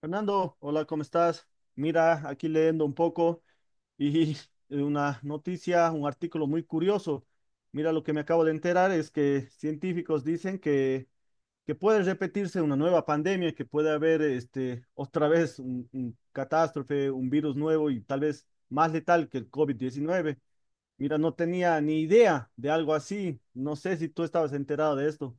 Fernando, hola, ¿cómo estás? Mira, aquí leyendo un poco y una noticia, un artículo muy curioso. Mira, lo que me acabo de enterar es que científicos dicen que puede repetirse una nueva pandemia, que puede haber este, otra vez un catástrofe, un virus nuevo y tal vez más letal que el COVID-19. Mira, no tenía ni idea de algo así. No sé si tú estabas enterado de esto.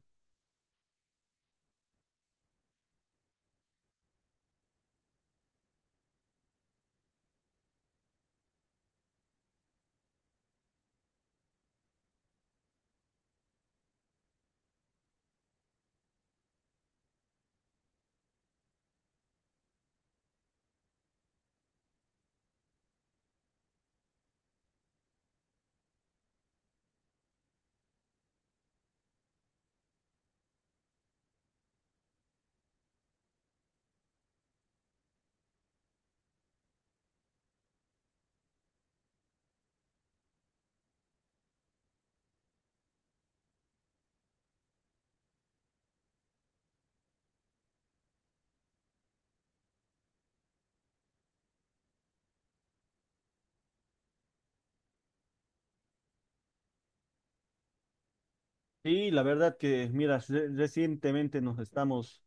Sí, la verdad que, mira, recientemente nos estamos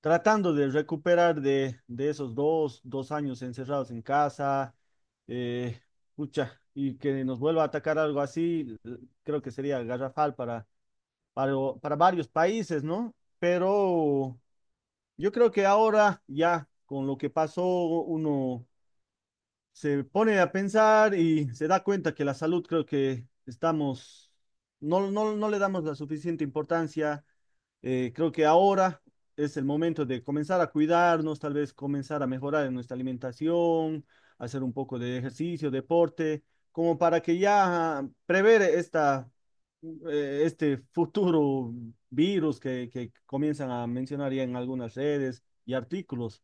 tratando de recuperar de esos dos años encerrados en casa, eh, pucha, y que nos vuelva a atacar algo así, creo que sería garrafal para, para varios países, ¿no? Pero yo creo que ahora ya con lo que pasó, uno se pone a pensar y se da cuenta que la salud creo que estamos, no, no, no le damos la suficiente importancia creo que ahora es el momento de comenzar a cuidarnos, tal vez comenzar a mejorar en nuestra alimentación, hacer un poco de ejercicio, deporte, como para que ya prever esta, este futuro virus que comienzan a mencionar ya en algunas redes y artículos.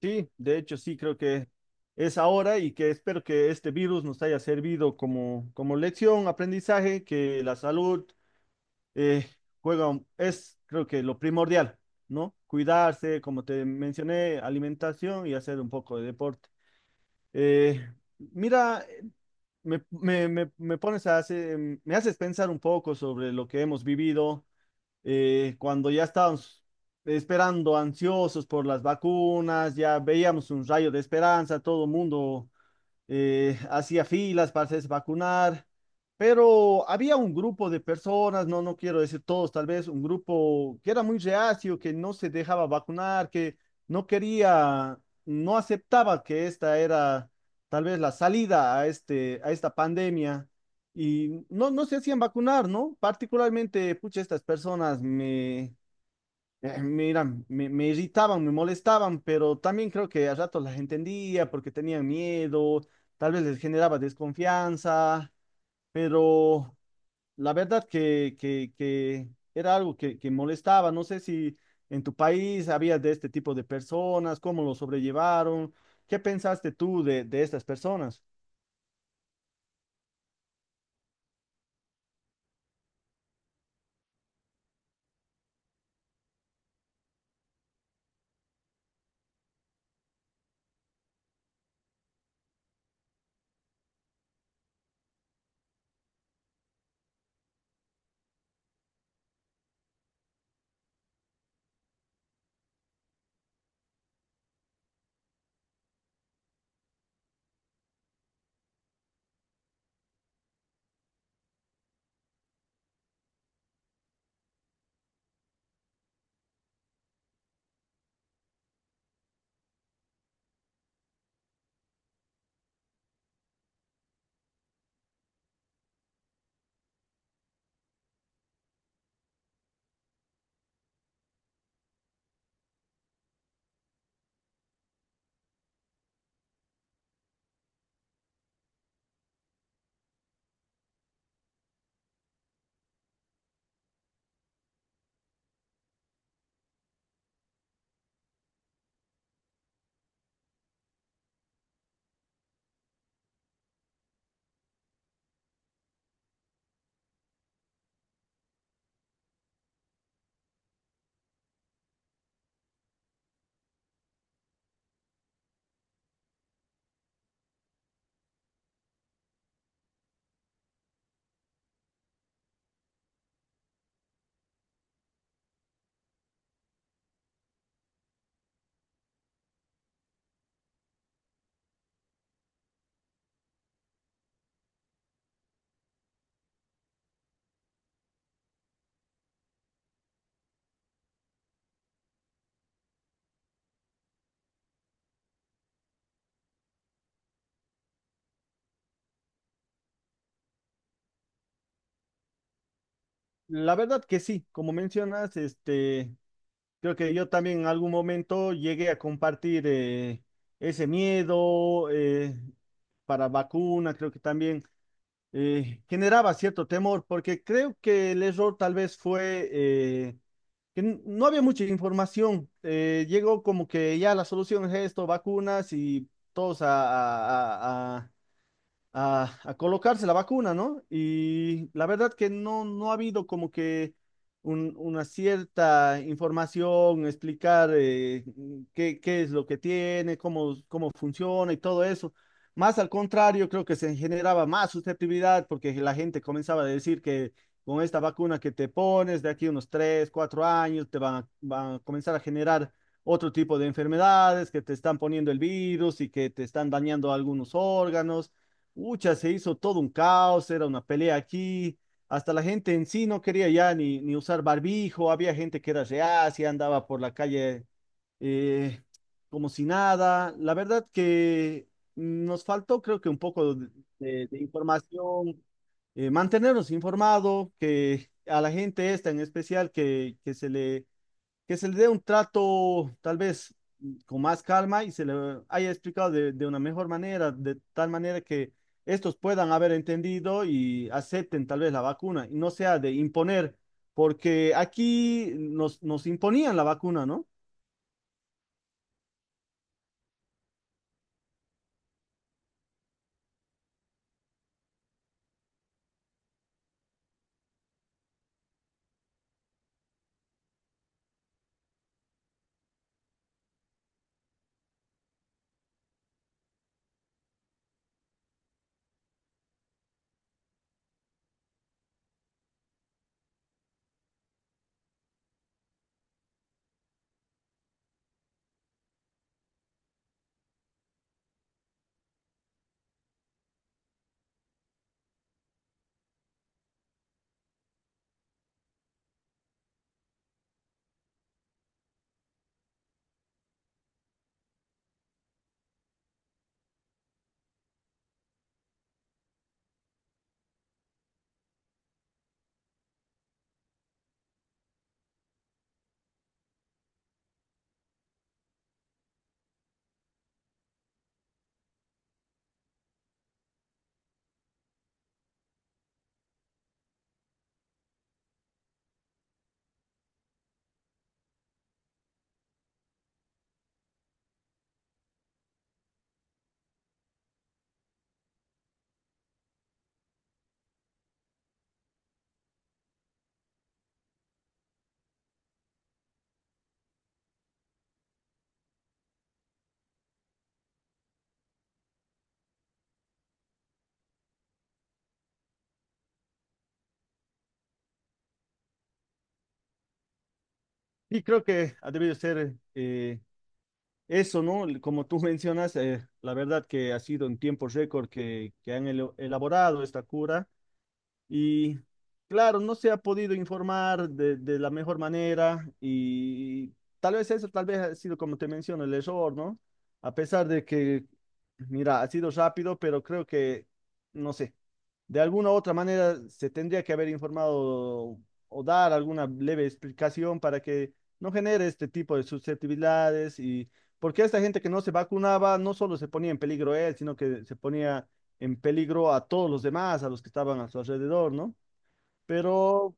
Sí, de hecho sí, creo que es ahora y que espero que este virus nos haya servido como, como lección, aprendizaje, que la salud eh, juega, es creo que lo primordial, ¿no? Cuidarse, como te mencioné, alimentación y hacer un poco de deporte. Eh, mira, me pones a hacer, me haces pensar un poco sobre lo que hemos vivido cuando ya estábamos esperando ansiosos por las vacunas, ya veíamos un rayo de esperanza, todo el mundo hacía filas para hacerse vacunar, pero había un grupo de personas, no, no quiero decir todos, tal vez un grupo que era muy reacio, que no se dejaba vacunar, que no quería, no aceptaba que esta era tal vez la salida a este, a esta pandemia. Y no, no se hacían vacunar, ¿no? Particularmente, pucha, estas personas mira, me irritaban, me molestaban, pero también creo que a ratos las entendía porque tenían miedo, tal vez les generaba desconfianza, pero la verdad que era algo que molestaba. No sé si en tu país había de este tipo de personas, cómo lo sobrellevaron, qué pensaste tú de estas personas. La verdad que sí, como mencionas, este. Creo que yo también en algún momento llegué a compartir ese miedo para vacuna, creo que también generaba cierto temor, porque creo que el error tal vez fue que no había mucha información. Llegó como que ya la solución es esto, vacunas y todos a, a colocarse la vacuna, ¿no? Y la verdad que no, no ha habido como que una cierta información, explicar qué, qué es lo que tiene, cómo, cómo funciona y todo eso. Más al contrario, creo que se generaba más susceptibilidad porque la gente comenzaba a decir que con esta vacuna que te pones de aquí unos 3 4 años te van a, van a comenzar a generar otro tipo de enfermedades, que te están poniendo el virus y que te están dañando algunos órganos. Ucha, se hizo todo un caos, era una pelea aquí, hasta la gente en sí no quería ya ni, ni usar barbijo, había gente que era reacia, andaba por la calle eh, como si nada. La verdad que nos faltó creo que un poco de, de información, mantenernos informados, que a la gente esta en especial que se le dé un trato tal vez con más calma y se le haya explicado de una mejor manera, de tal manera que estos puedan haber entendido y acepten tal vez la vacuna y no sea de imponer, porque aquí nos, nos imponían la vacuna, ¿no? Y creo que ha debido ser eso, ¿no? Como tú mencionas, la verdad que ha sido en tiempo récord que han elaborado esta cura. Y claro, no se ha podido informar de la mejor manera y tal vez eso, tal vez ha sido como te menciono, el error, ¿no? A pesar de que, mira, ha sido rápido, pero creo que, no sé, de alguna u otra manera se tendría que haber informado o dar alguna leve explicación para que no genere este tipo de susceptibilidades y porque esta gente que no se vacunaba no solo se ponía en peligro él, sino que se ponía en peligro a todos los demás, a los que estaban a su alrededor, ¿no? Pero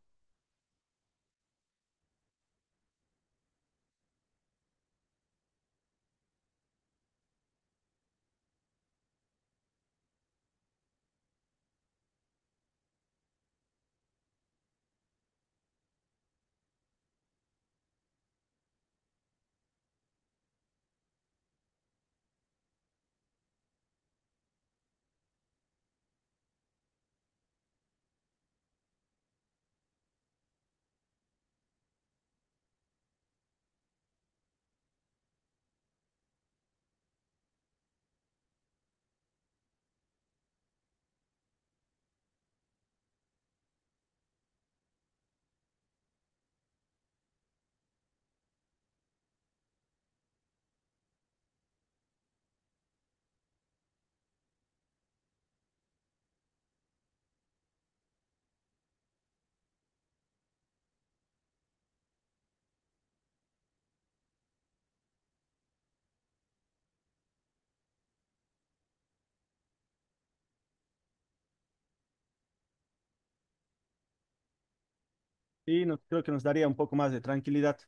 sí, creo que nos daría un poco más de tranquilidad.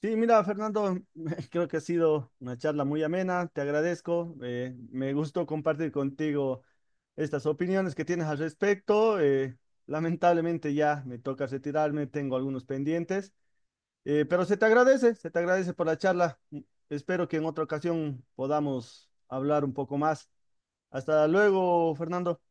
Sí, mira, Fernando, creo que ha sido una charla muy amena, te agradezco, me gustó compartir contigo estas opiniones que tienes al respecto. Lamentablemente ya me toca retirarme, tengo algunos pendientes, pero se te agradece por la charla. Mm, espero que en otra ocasión podamos hablar un poco más. Hasta luego, Fernando.